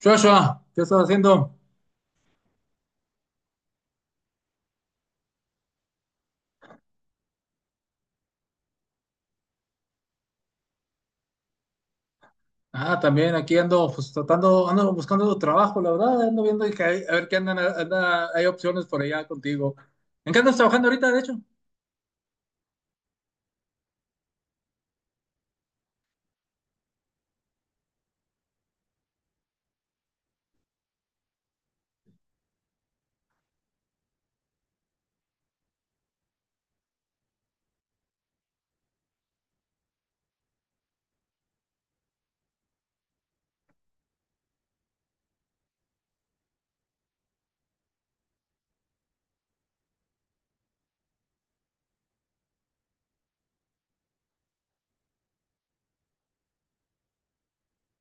Joshua, ¿qué estás haciendo? Ah, también aquí ando, pues tratando, ando buscando trabajo, la verdad, ando viendo que a ver qué hay opciones por allá contigo. ¿En qué andas trabajando ahorita, de hecho?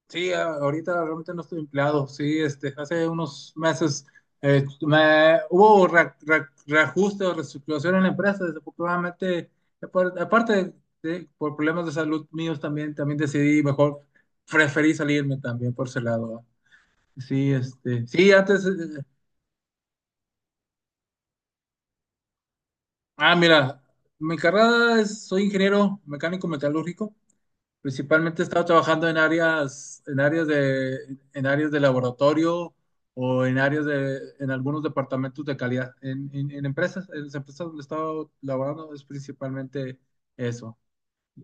Sí, ahorita realmente no estoy empleado. Sí, este, hace unos meses hubo reajuste o reestructuración en la empresa, desafortunadamente, aparte de, por problemas de salud míos también, también decidí mejor, preferí salirme también por ese lado. ¿Va? Sí, este, sí, antes ah, mira, mi carrera es, soy ingeniero mecánico metalúrgico. Principalmente he estado trabajando en áreas de laboratorio o en áreas de, en algunos departamentos de calidad. En empresas, en las empresas donde he estado laborando es principalmente eso.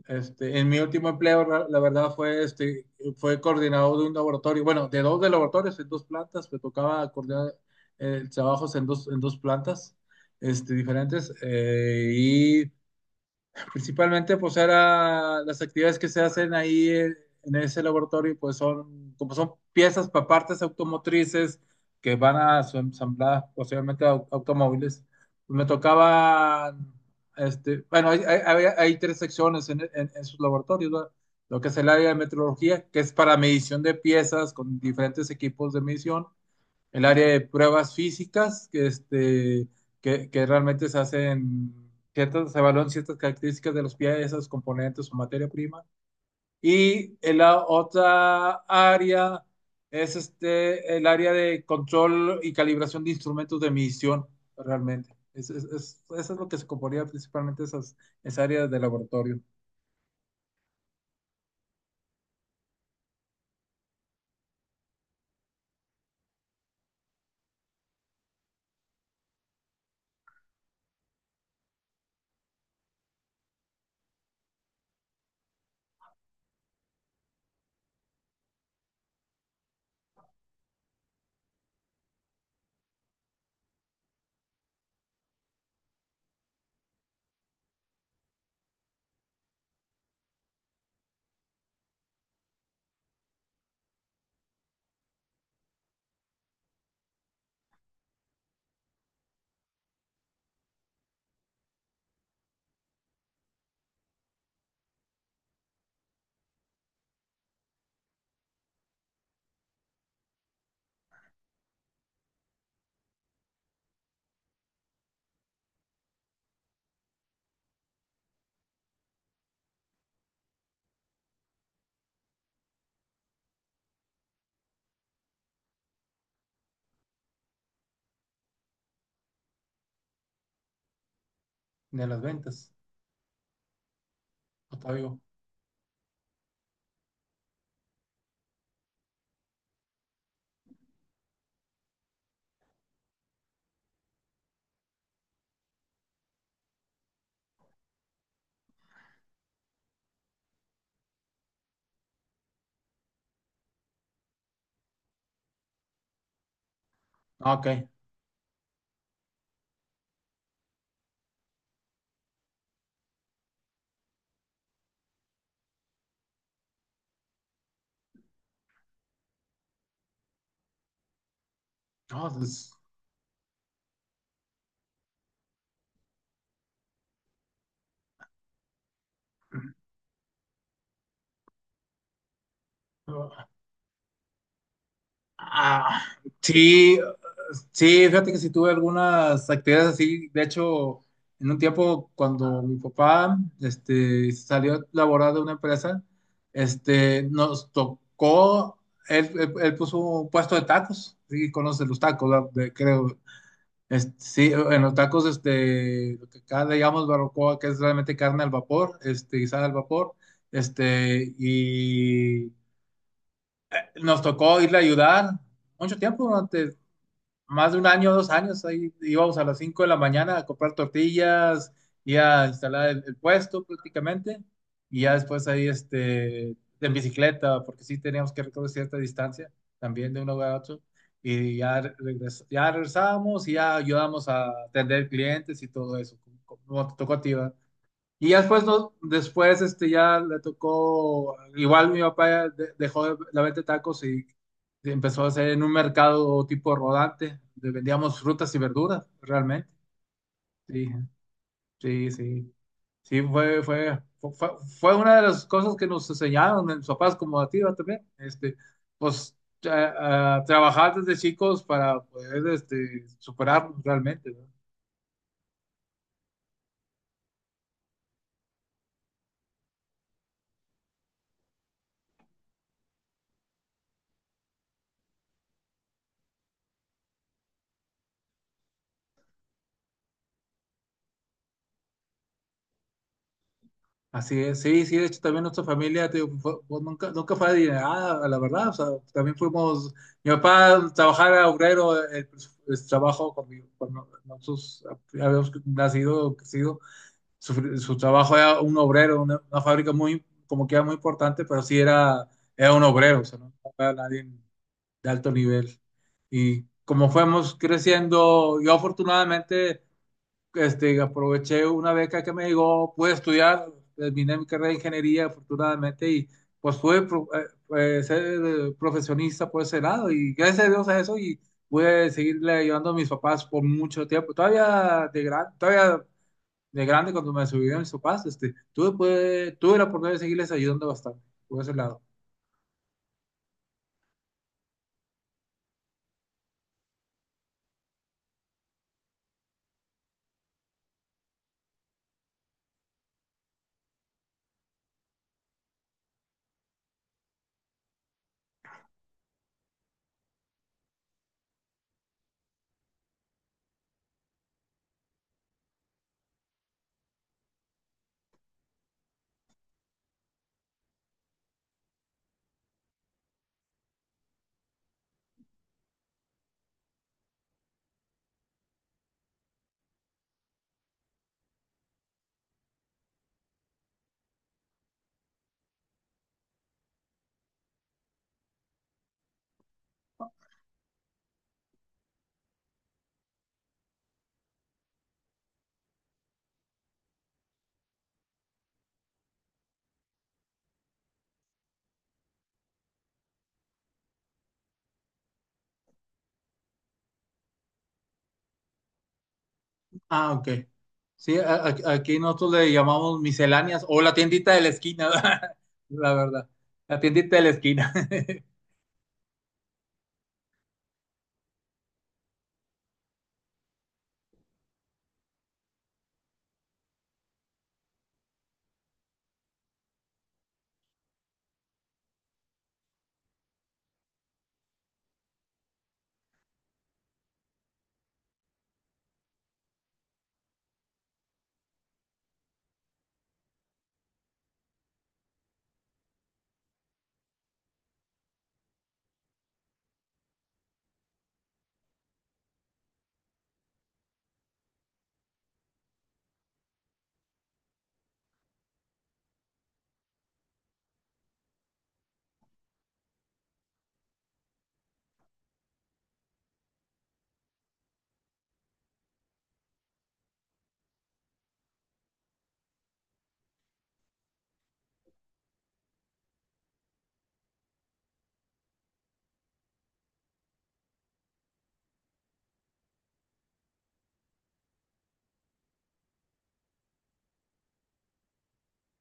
Este, en mi último empleo, la verdad, fue, este, fue coordinador de un laboratorio, bueno, de dos de laboratorios en dos plantas, me tocaba coordinar trabajos en dos plantas este, diferentes y principalmente, pues era las actividades que se hacen ahí en ese laboratorio, pues son, como son piezas para partes automotrices que van a su ensambladas posiblemente automóviles. Pues, me tocaban este, bueno, hay, hay tres secciones en, en sus laboratorios, ¿verdad? Lo que es el área de metrología, que es para medición de piezas con diferentes equipos de medición, el área de pruebas físicas, que, este, que realmente se hacen ciertas, se evalúan ciertas características de los piezas, componentes o materia prima. Y en la otra área es este, el área de control y calibración de instrumentos de medición, realmente. Es, eso es lo que se componía principalmente esas, esa área de laboratorio, de las ventas. Octavio. Ah, ok. No, pues, no, ah, sí, sí, fíjate que sí tuve algunas actividades así. De hecho, en un tiempo cuando mi papá este, salió a laborar de una empresa, este, nos tocó, él, él puso un puesto de tacos, sí, conoces los tacos, ¿verdad? Creo. Este, sí, en los tacos, este, lo que acá le llamamos barbacoa, que es realmente carne al vapor, este, guisada al vapor, este, y nos tocó irle a ayudar mucho tiempo, durante más de un año, dos años, ahí íbamos a las 5 de la mañana a comprar tortillas y a instalar el puesto prácticamente, y ya después ahí este, en bicicleta, porque sí teníamos que recorrer cierta distancia también de un lugar a otro, y ya, ya regresábamos y ya ayudamos a atender clientes y todo eso, como, como te tocó a ti, ¿verdad? Y ya después, no, después este, ya le tocó, igual mi papá ya dejó la venta de tacos y empezó a hacer en un mercado tipo rodante, donde vendíamos frutas y verduras, realmente. Sí, sí, sí. Sí, fue una de las cosas que nos enseñaron en mis papás como a ti, ¿verdad? También. Este, pues a trabajar desde chicos para poder este, superarnos realmente, ¿no? Así es, sí, sí, de hecho también nuestra familia te digo, nunca, nunca fue adinerada, la verdad, o sea, también fuimos, mi papá trabajaba obrero, el trabajo cuando, cuando nosotros habíamos nacido, crecido, su trabajo era un obrero, una fábrica muy, como que era muy importante, pero sí era, era un obrero, o sea, no era nadie de alto nivel. Y como fuimos creciendo, yo afortunadamente este, aproveché una beca que me llegó, pude estudiar, terminé mi carrera de ingeniería afortunadamente y pues fue pues, ser profesionista por ese lado y gracias a Dios a eso y pude seguirle ayudando a mis papás por mucho tiempo. Todavía de gran, todavía de grande cuando me subieron mis papás, este, tuve, pude, tuve la oportunidad de seguirles ayudando bastante por ese lado. Ah, ok. Sí, aquí nosotros le llamamos misceláneas o la tiendita de la esquina, la verdad. La tiendita de la esquina.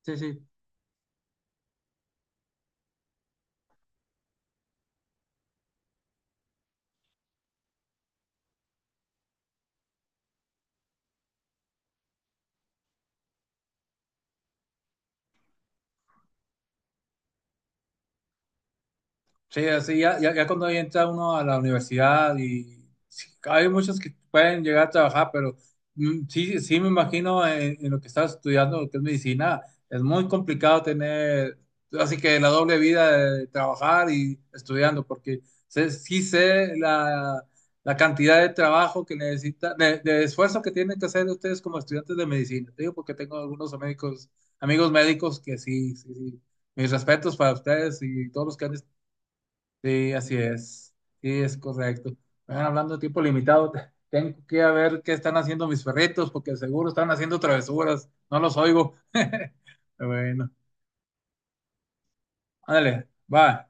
Sí, sí, sí, así ya, ya, ya cuando ya entra uno a la universidad y sí, hay muchos que pueden llegar a trabajar, pero mm, sí, sí me imagino en lo que estás estudiando, lo que es medicina, es muy complicado tener, así que la doble vida de trabajar y estudiando, porque sí sé la, la cantidad de trabajo que necesita, de esfuerzo que tienen que hacer ustedes como estudiantes de medicina. Te digo porque tengo algunos médicos, amigos médicos que sí, sí, sí. Mis respetos para ustedes y todos los que han sí, así es. Sí, es correcto. Bueno, hablando de tiempo limitado, tengo que ir a ver qué están haciendo mis perritos, porque seguro están haciendo travesuras. No los oigo. Bueno, ándale, va.